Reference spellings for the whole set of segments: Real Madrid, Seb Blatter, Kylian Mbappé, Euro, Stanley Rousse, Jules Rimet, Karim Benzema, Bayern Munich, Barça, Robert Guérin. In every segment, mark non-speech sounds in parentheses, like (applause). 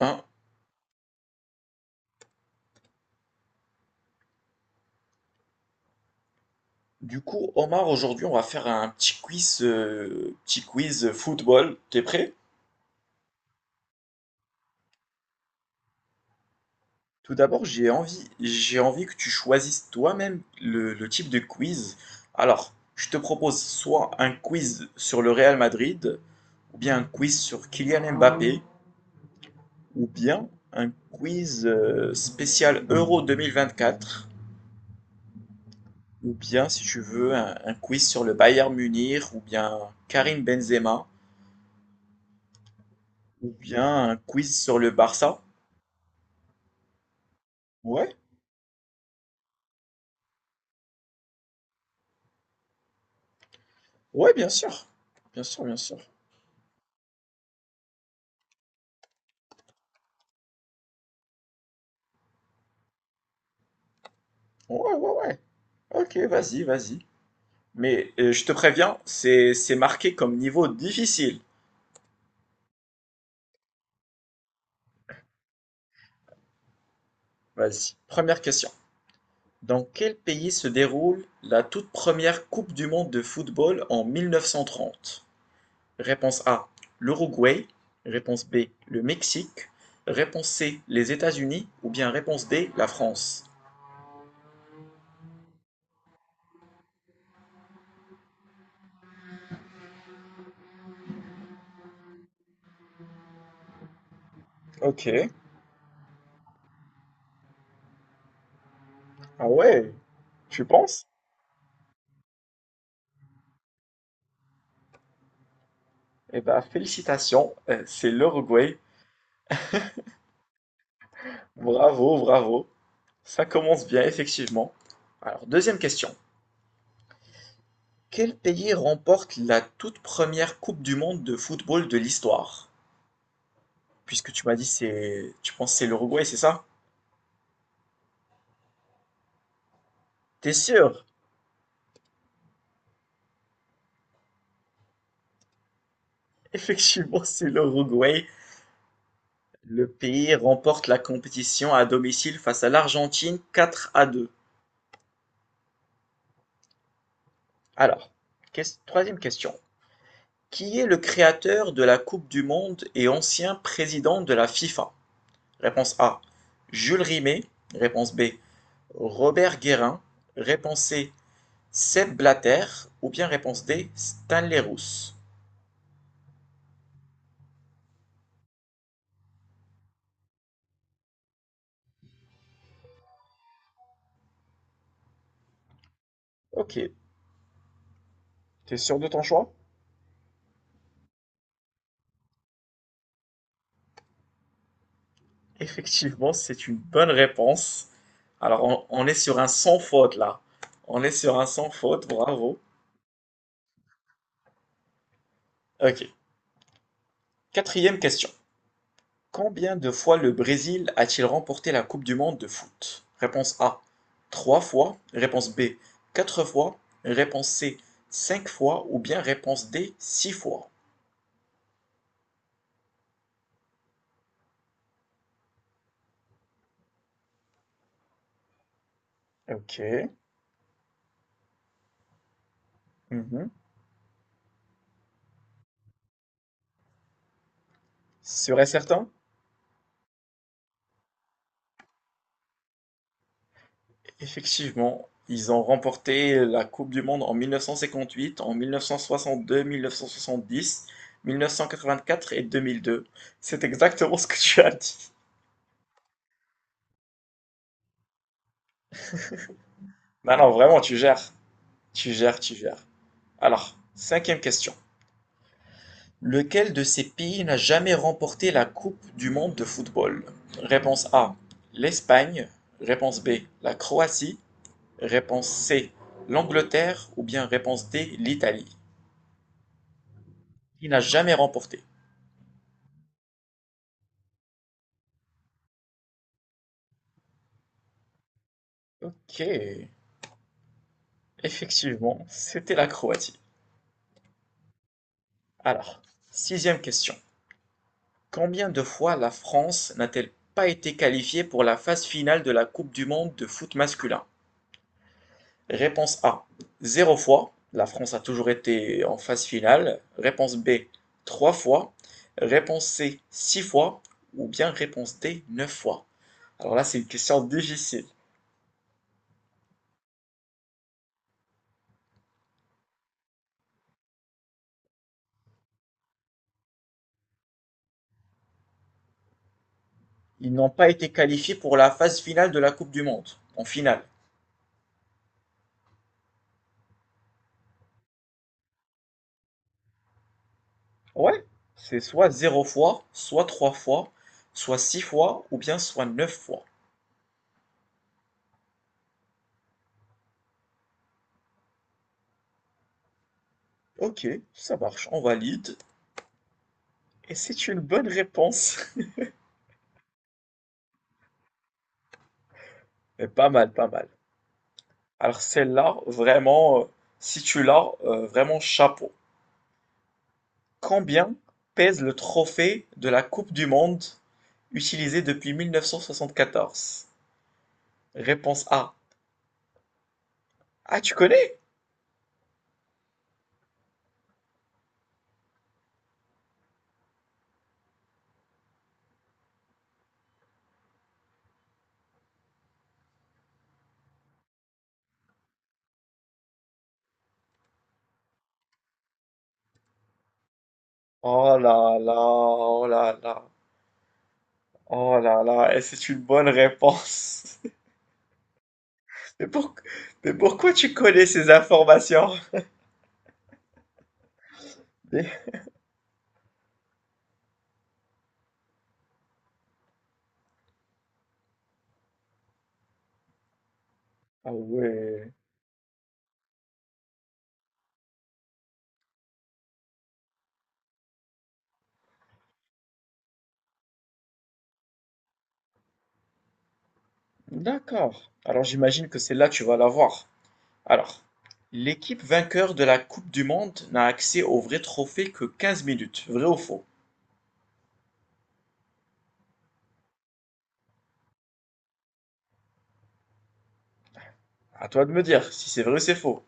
Hein, du coup, Omar, aujourd'hui, on va faire un petit quiz football. T'es prêt? Tout d'abord, j'ai envie que tu choisisses toi-même le type de quiz. Alors, je te propose soit un quiz sur le Real Madrid, ou bien un quiz sur Kylian Mbappé, ou bien un quiz spécial Euro 2024, ou bien, si tu veux, un quiz sur le Bayern Munich, ou bien Karim Benzema, ou bien un quiz sur le Barça. Ouais, ouais, bien sûr. Bien sûr, bien sûr. Ouais, ouais, ouais. Ok, vas-y, vas-y. Mais je te préviens, c'est marqué comme niveau difficile. Vas-y. Première question. Dans quel pays se déroule la toute première Coupe du monde de football en 1930. Réponse A, l'Uruguay. Réponse B, le Mexique. Réponse C, les États-Unis. Ou bien réponse D, la France. Ok. Ah ouais, tu penses? Eh ben, félicitations, c'est l'Uruguay. Bravo, bravo. Ça commence bien, effectivement. Alors, deuxième question. Quel pays remporte la toute première Coupe du monde de football de l'histoire? Puisque tu m'as dit c'est, tu penses c'est l'Uruguay, c'est ça? T'es sûr? (laughs) Effectivement, c'est l'Uruguay. Le pays remporte la compétition à domicile face à l'Argentine 4-2. Alors, troisième question. Qui est le créateur de la Coupe du monde et ancien président de la FIFA? Réponse A. Jules Rimet. Réponse B. Robert Guérin. Réponse C. Seb Blatter. Ou bien réponse D. Stanley Rousse. Ok. T'es sûr de ton choix? Effectivement, c'est une bonne réponse. Alors, on est sur un sans faute là. On est sur un sans faute, bravo. Ok. Quatrième question. Combien de fois le Brésil a-t-il remporté la Coupe du monde de foot? Réponse A, 3 fois. Réponse B, 4 fois. Réponse C, 5 fois. Ou bien réponse D, six fois. Ok. Mhm. Serait certain? Effectivement, ils ont remporté la Coupe du monde en 1958, en 1962, 1970, 1984 et 2002. C'est exactement ce que tu as dit. Non, non, vraiment, tu gères. Tu gères, tu gères. Alors, cinquième question. Lequel de ces pays n'a jamais remporté la Coupe du monde de football? Réponse A: l'Espagne. Réponse B: la Croatie. Réponse C: l'Angleterre. Ou bien réponse D: l'Italie. Il n'a jamais remporté. Ok, effectivement, c'était la Croatie. Alors, sixième question. Combien de fois la France n'a-t-elle pas été qualifiée pour la phase finale de la Coupe du monde de foot masculin? Réponse A, zéro fois, la France a toujours été en phase finale. Réponse B, 3 fois. Réponse C, 6 fois. Ou bien réponse D, 9 fois. Alors là, c'est une question difficile. Ils n'ont pas été qualifiés pour la phase finale de la Coupe du Monde, en finale. Ouais, c'est soit zéro fois, soit trois fois, soit 6 fois, ou bien soit 9 fois. Ok, ça marche, on valide. Et c'est une bonne réponse. (laughs) Mais pas mal, pas mal. Alors celle-là, vraiment, si tu l'as, vraiment chapeau. Combien pèse le trophée de la Coupe du Monde utilisé depuis 1974? Réponse A. Ah, tu connais? Oh là là, oh là là, oh là là, et c'est une bonne réponse. (laughs) Mais, pour- mais pourquoi tu connais ces informations? Mais- Ah ouais, d'accord. Alors j'imagine que celle-là, tu vas l'avoir. Alors, l'équipe vainqueur de la Coupe du monde n'a accès au vrai trophée que 15 minutes. Vrai ou faux? À toi de me dire si c'est vrai ou c'est faux.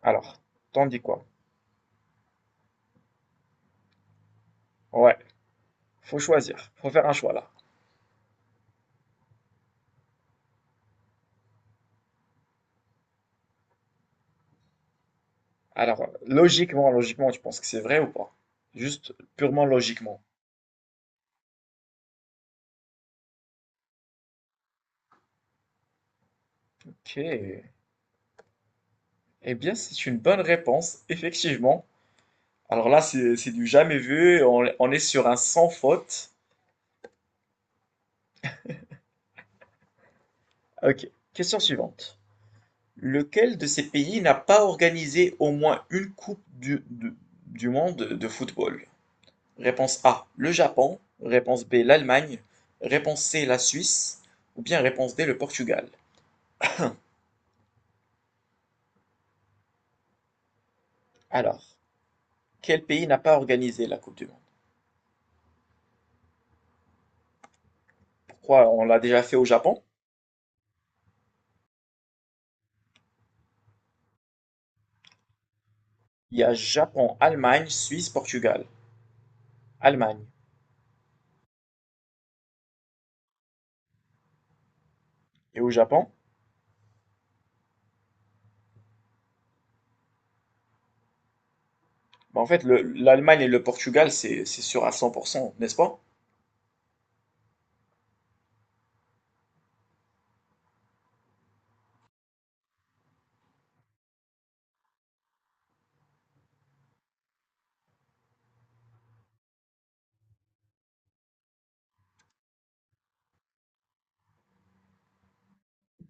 Alors, t'en dis quoi? Ouais, faut choisir. Faut faire un choix là. Alors, logiquement, logiquement, tu penses que c'est vrai ou pas? Juste purement logiquement. Ok. Eh bien, c'est une bonne réponse, effectivement. Alors là, c'est du jamais vu. On est sur un sans faute. Ok. Question suivante. Lequel de ces pays n'a pas organisé au moins une Coupe du monde de football? Réponse A, le Japon. Réponse B, l'Allemagne. Réponse C, la Suisse. Ou bien réponse D, le Portugal. Alors, quel pays n'a pas organisé la Coupe du monde? Pourquoi on l'a déjà fait au Japon? Il y a Japon, Allemagne, Suisse, Portugal. Allemagne. Et au Japon? Bah, en fait, l'Allemagne et le Portugal, c'est sûr à 100%, n'est-ce pas?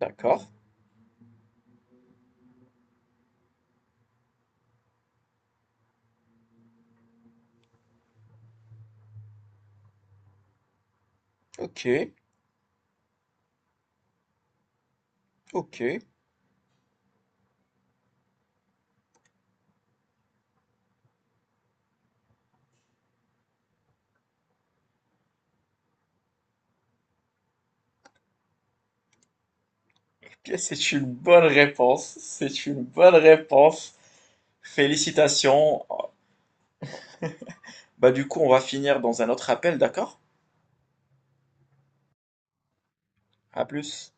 D'accord. Ok, ok. C'est une bonne réponse, c'est une bonne réponse. Félicitations. Bah du coup, on va finir dans un autre appel, d'accord? À plus.